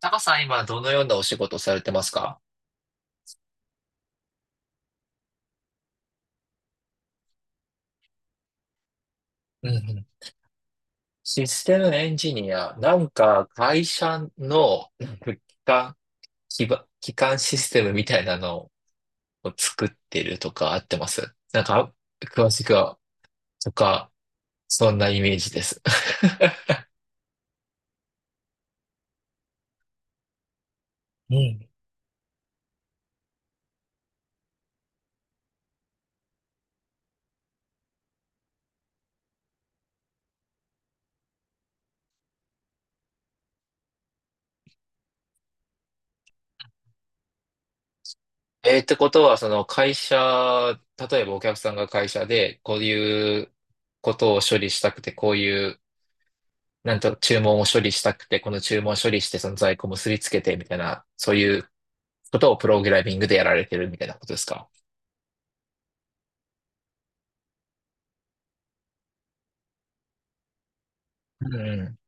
タカさん、今どのようなお仕事をされてますか？うんうん、システムエンジニア、会社の機関、基盤基幹システムみたいなのを作ってるとかあってます。なんか、詳しくは、とか、そんなイメージです。うん。えーってことは、その会社、例えばお客さんが会社で、こういうことを処理したくて、こういうなんと注文を処理したくて、この注文を処理して、その在庫結びつけてみたいな、そういうことをプログラミングでやられてるみたいなことですか？うん。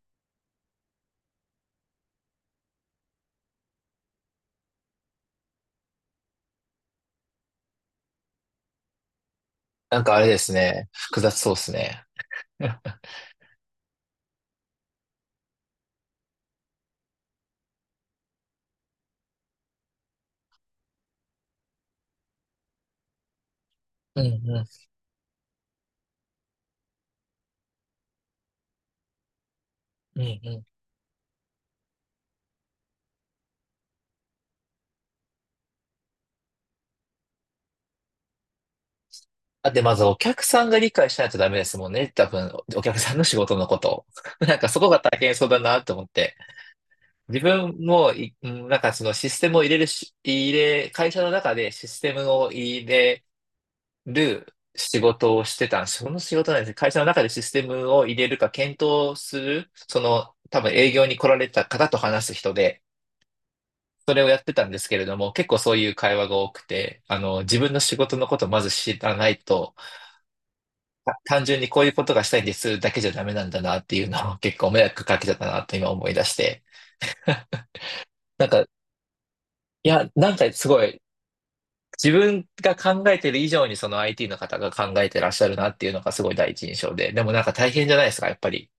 なんかあれですね。複雑そうですね。うんうん。うんうん。だってまずお客さんが理解しないとダメですもんね。多分、お客さんの仕事のことを。なんかそこが大変そうだなと思って。自分もい、うんなんかそのシステムを入れるし、入れ、会社の中でシステムを入れ、る仕事をしてたんです。その仕事なんですね。会社の中でシステムを入れるか検討する、その多分営業に来られた方と話す人で、それをやってたんですけれども、結構そういう会話が多くて、あの、自分の仕事のことをまず知らないと、た単純にこういうことがしたいんですだけじゃダメなんだなっていうのを 結構迷惑かけちゃったなと今思い出して。なんか、いや、なんかすごい、自分が考えてる以上にその IT の方が考えてらっしゃるなっていうのがすごい第一印象で、でもなんか大変じゃないですか、やっぱり。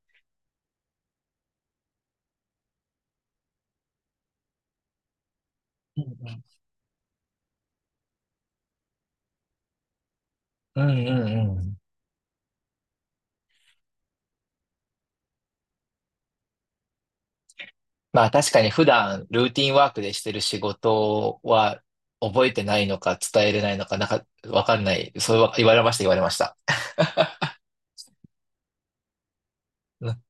うんうんうんうんうん。まあ確かに普段ルーティンワークでしてる仕事は覚えてないのか伝えれないのか、なんかわかんない。そうは言われました、言われました。うん。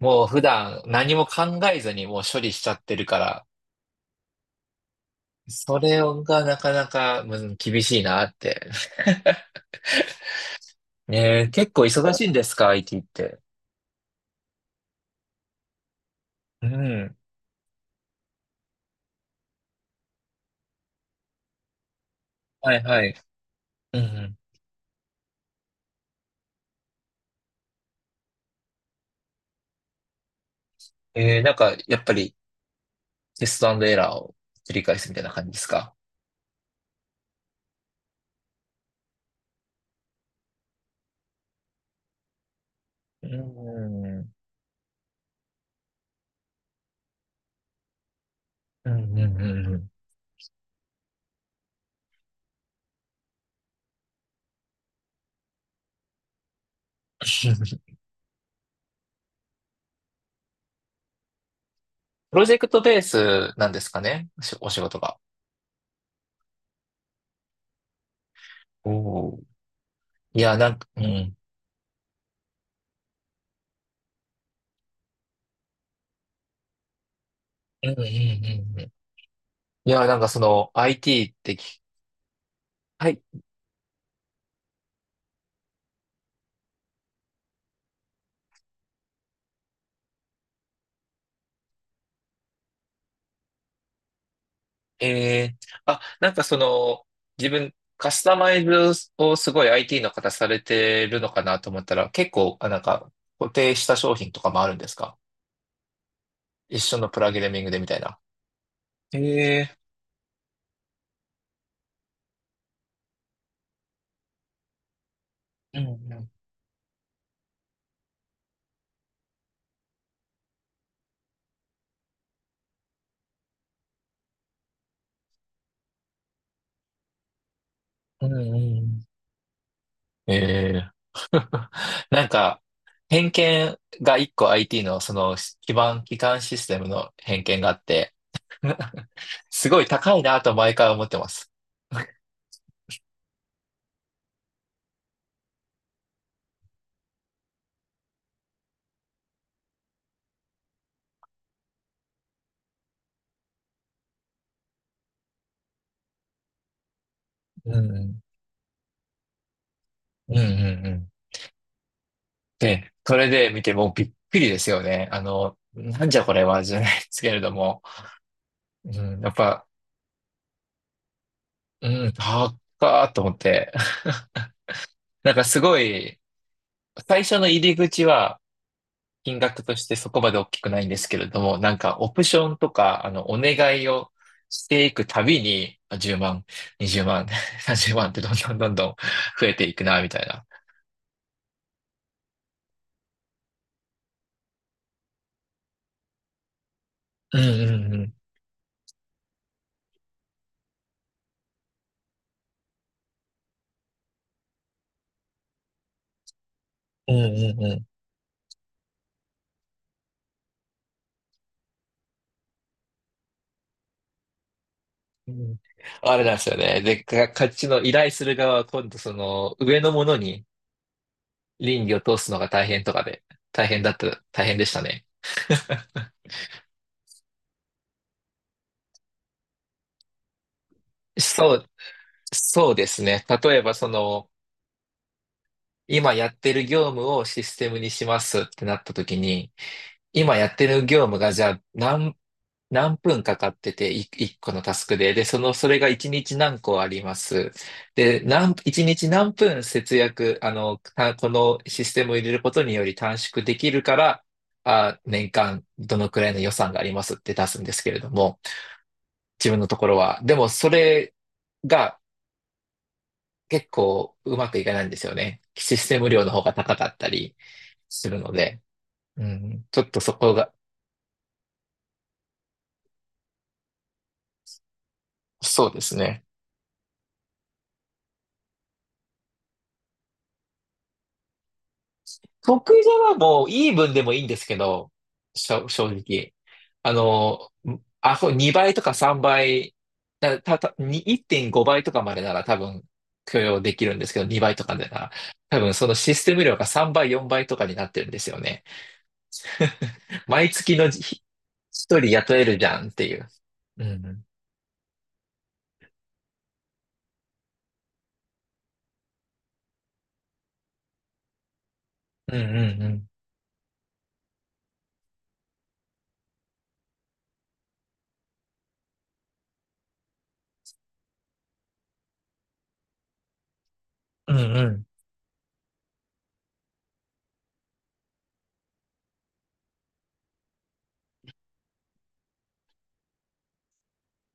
もう普段何も考えずにもう処理しちゃってるから、それがなかなかうん厳しいなって。ねえ、結構忙しいんですか？ IT って。うん。はいはい。うんうん。えー、なんかやっぱりテストエラーを繰り返すみたいな感じですか？うん。うんうんうんうん。プロジェクトベースなんですかねしお仕事が。おー。いや、なんか、うん。うんうんうんうん。いや、なんかその IT ってき、はい。えー、あ、なんかその、自分、カスタマイズをすごい IT の方されてるのかなと思ったら、結構、あ、なんか、固定した商品とかもあるんですか？一緒のプログラミングでみたいな。えー、うんうん。うんうん。えー。 なんか、偏見が一個 IT のその基盤、基幹システムの偏見があって、すごい高いなと毎回思ってます。うんうんうんうんうん。で、それで見てもうびっくりですよね。あの、なんじゃこれはじゃないですけれども、うん、やっぱ、うん、高っと思って。なんかすごい、最初の入り口は、金額としてそこまで大きくないんですけれども、なんかオプションとか、あの、お願いをしていくたびに、あ10万、20万、30万ってどんどんどんどん増えていくな、みたいな。うんうんうん。うんうんうん。うん。あれなんですよね。で、か、こっちの依頼する側は今度その上のものに倫理を通すのが大変とかで、大変だった、大変でしたね。そう、そうですね。例えばその、今やってる業務をシステムにしますってなった時に、今やってる業務がじゃあ何、何分かかってて、い一個のタスクで、で、その、それが一日何個あります。で、何、一日何分節約、あの、たこのシステムを入れることにより短縮できるから、あ、年間どのくらいの予算がありますって出すんですけれども、自分のところは。でも、それが結構うまくいかないんですよね。システム量の方が高かったりするので、うん、ちょっとそこが、そうですね。得意じゃはもうイーブンでもいいんですけど、しょ正直。あの、あ、そう2倍とか3倍、だた、た、に1.5倍とかまでなら多分許容できるんですけど、2倍とかでなら、多分そのシステム量が3倍、4倍とかになってるんですよね。毎月のじひ一人雇えるじゃんっていう。うんうんうんうん。うんうん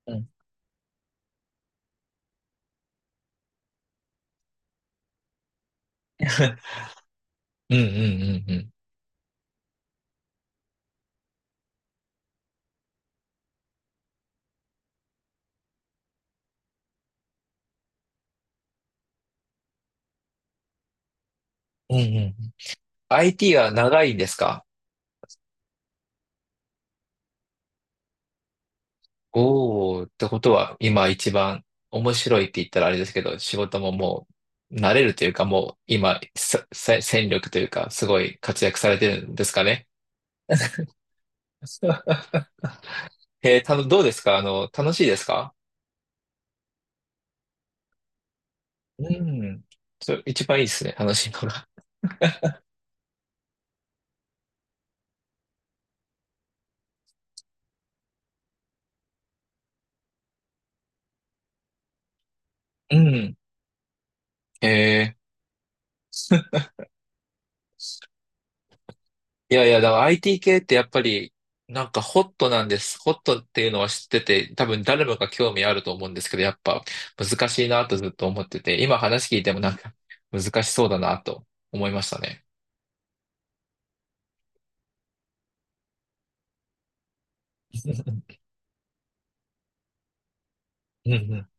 うん。うん。 うんうんうん。うんうんうんうんうんうんうんうん。 IT は長いんですか？おーってことは、今一番面白いって言ったらあれですけど、仕事ももう慣れるというか、もう今、ささ戦力というか、すごい活躍されてるんですかね。えー、たの、どうですかあの、楽しいですか？うん。そ、一番いいですね、楽しいのが。うん。えー。いやいや、だから IT 系ってやっぱり、なんかホットなんです。ホットっていうのは知ってて、多分誰もが興味あると思うんですけど、やっぱ難しいなとずっと思ってて、今話聞いてもなんか 難しそうだなと思いましたね。